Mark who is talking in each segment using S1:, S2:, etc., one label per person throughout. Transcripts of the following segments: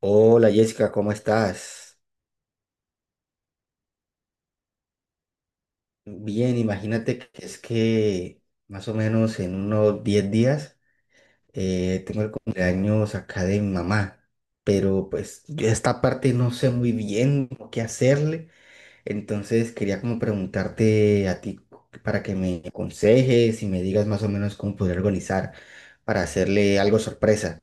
S1: Hola Jessica, ¿cómo estás? Bien, imagínate que es que más o menos en unos 10 días, tengo el cumpleaños acá de mi mamá, pero pues yo esta parte no sé muy bien cómo qué hacerle, entonces quería como preguntarte a ti para que me aconsejes y me digas más o menos cómo poder organizar para hacerle algo sorpresa.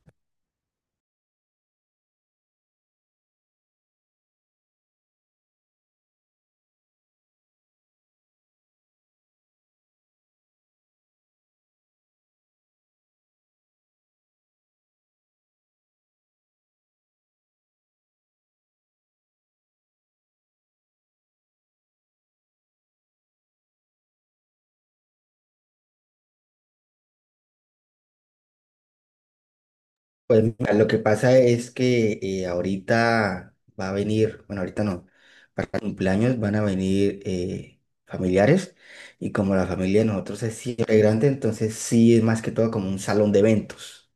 S1: Pues mira, lo que pasa es que ahorita va a venir, bueno, ahorita no, para el cumpleaños van a venir, familiares, y como la familia de nosotros es siempre grande, entonces sí es más que todo como un salón de eventos.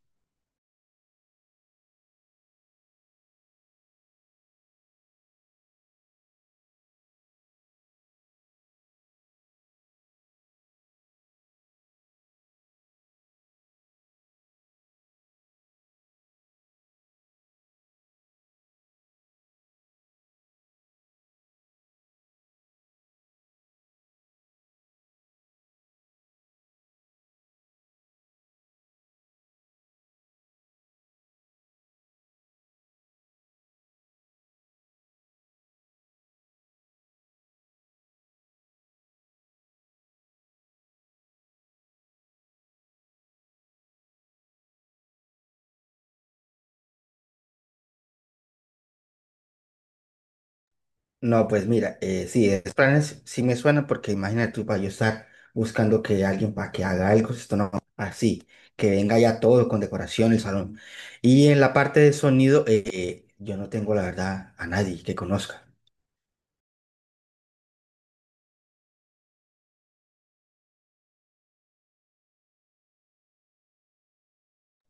S1: No, pues mira, sí, esos planes sí me suena porque imagínate tú para yo estar buscando que alguien para que haga algo, esto no, así, que venga ya todo con decoración el salón. Y en la parte de sonido, yo no tengo la verdad a nadie que conozca.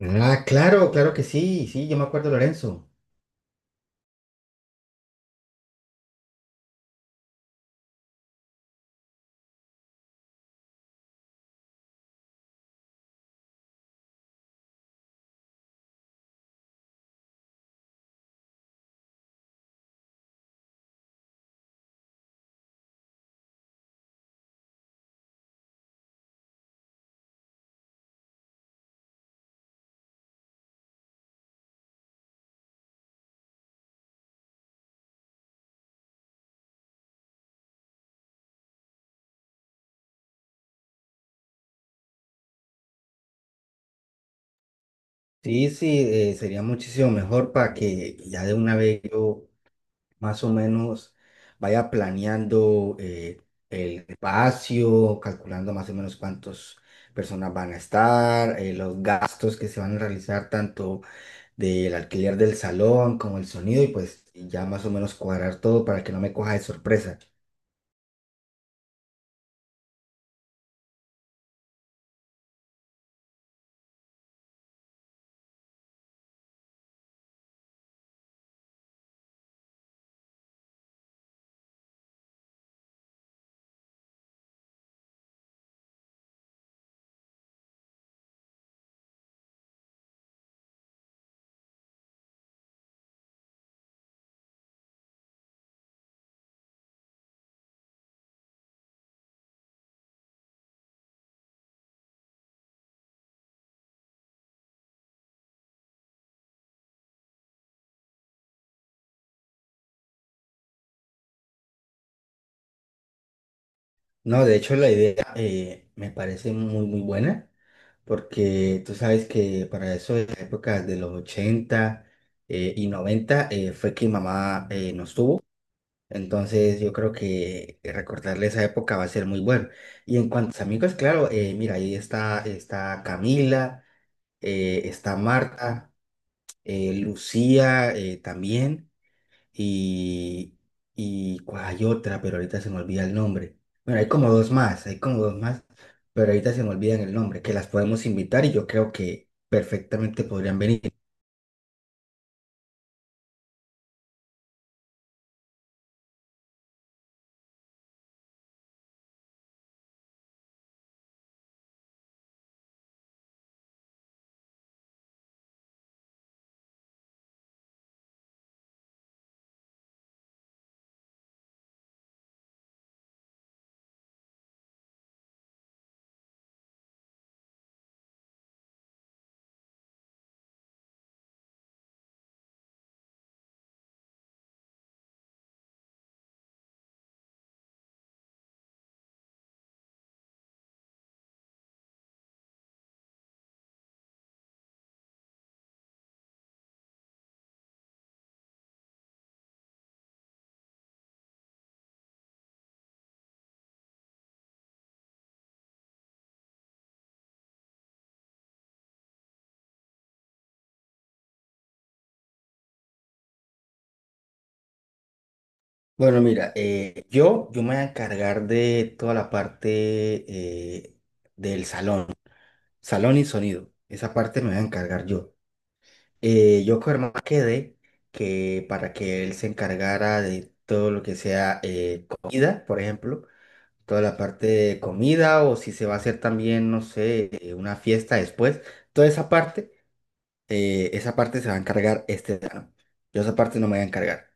S1: Ah, claro, claro que sí, sí, yo me acuerdo, Lorenzo. Sí, sí, sería muchísimo mejor para que ya de una vez yo más o menos vaya planeando el espacio, calculando más o menos cuántas personas van a estar, los gastos que se van a realizar tanto del alquiler del salón como el sonido, y pues ya más o menos cuadrar todo para que no me coja de sorpresa. No, de hecho la idea, me parece muy, muy buena, porque tú sabes que para eso de las épocas de los ochenta, y noventa, fue que mamá, nos tuvo, entonces yo creo que recordarle esa época va a ser muy bueno. Y en cuanto a los amigos, claro, mira, ahí está, está Camila, está Marta, Lucía, también, y, y ¿cuál hay otra? Pero ahorita se me olvida el nombre. Bueno, hay como dos más, pero ahorita se me olvidan el nombre, que las podemos invitar y yo creo que perfectamente podrían venir. Bueno, mira, yo me voy a encargar de toda la parte, eh, del salón, y sonido. Esa parte me voy a encargar yo. Yo con Germán quedé que para que él se encargara de todo lo que sea, comida, por ejemplo toda la parte de comida, o si se va a hacer también, no sé, una fiesta después. Toda esa parte, esa parte se va a encargar este verano. Yo esa parte no me voy a encargar.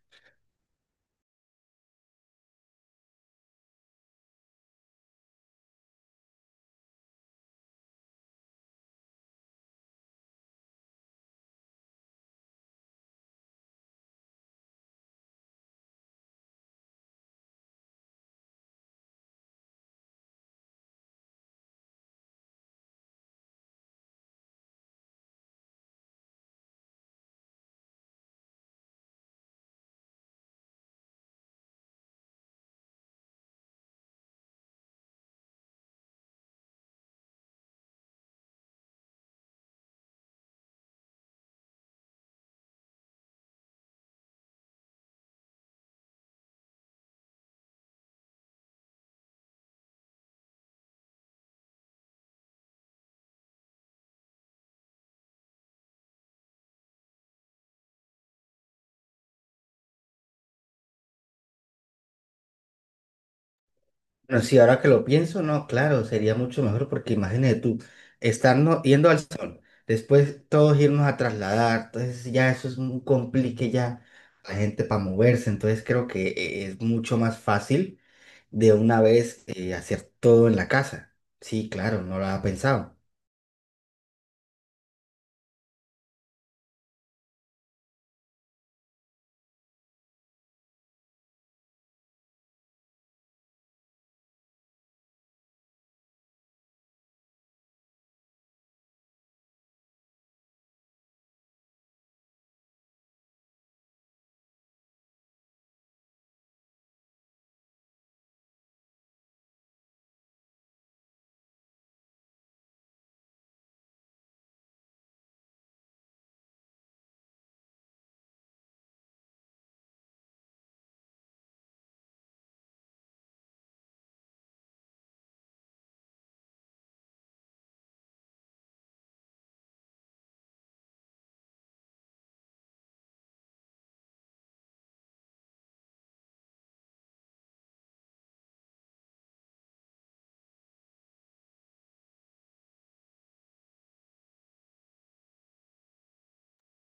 S1: Pero sí, ahora que lo pienso, no, claro, sería mucho mejor porque imagínate tú, estarnos yendo al salón, después todos irnos a trasladar, entonces ya eso es un complique ya la gente para moverse, entonces creo que es mucho más fácil de una vez hacer todo en la casa. Sí, claro, no lo había pensado.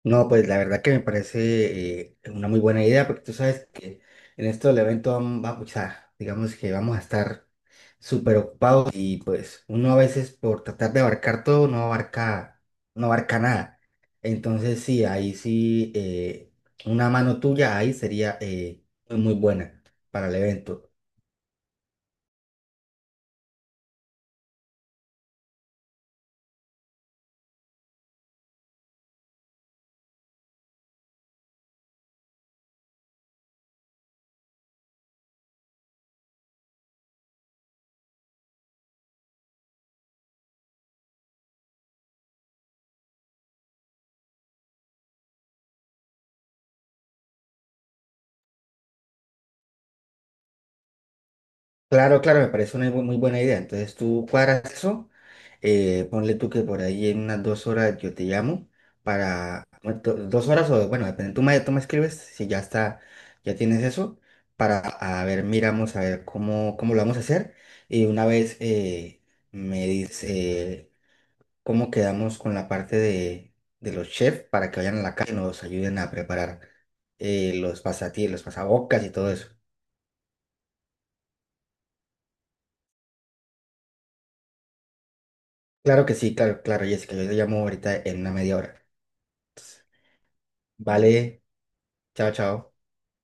S1: No, pues la verdad que me parece, una muy buena idea, porque tú sabes que en esto del evento vamos, o sea, digamos que vamos a estar súper ocupados y pues uno a veces por tratar de abarcar todo no abarca, no abarca nada. Entonces sí, ahí sí, una mano tuya ahí sería, muy muy buena para el evento. Claro, claro, me parece una muy buena idea. Entonces tú cuadras eso. Ponle tú que por ahí en unas 2 horas yo te llamo para, bueno, 2 horas o, bueno, depende, tú me escribes si ya está, ya tienes eso, para, a ver, miramos a ver cómo, cómo lo vamos a hacer. Y una vez, me dice cómo quedamos con la parte de los chefs para que vayan a la calle y nos ayuden a preparar, los pasatíos, los pasabocas y todo eso. Claro que sí, claro, claro, Jessica, yo te llamo ahorita en una media hora. Vale, chao, chao.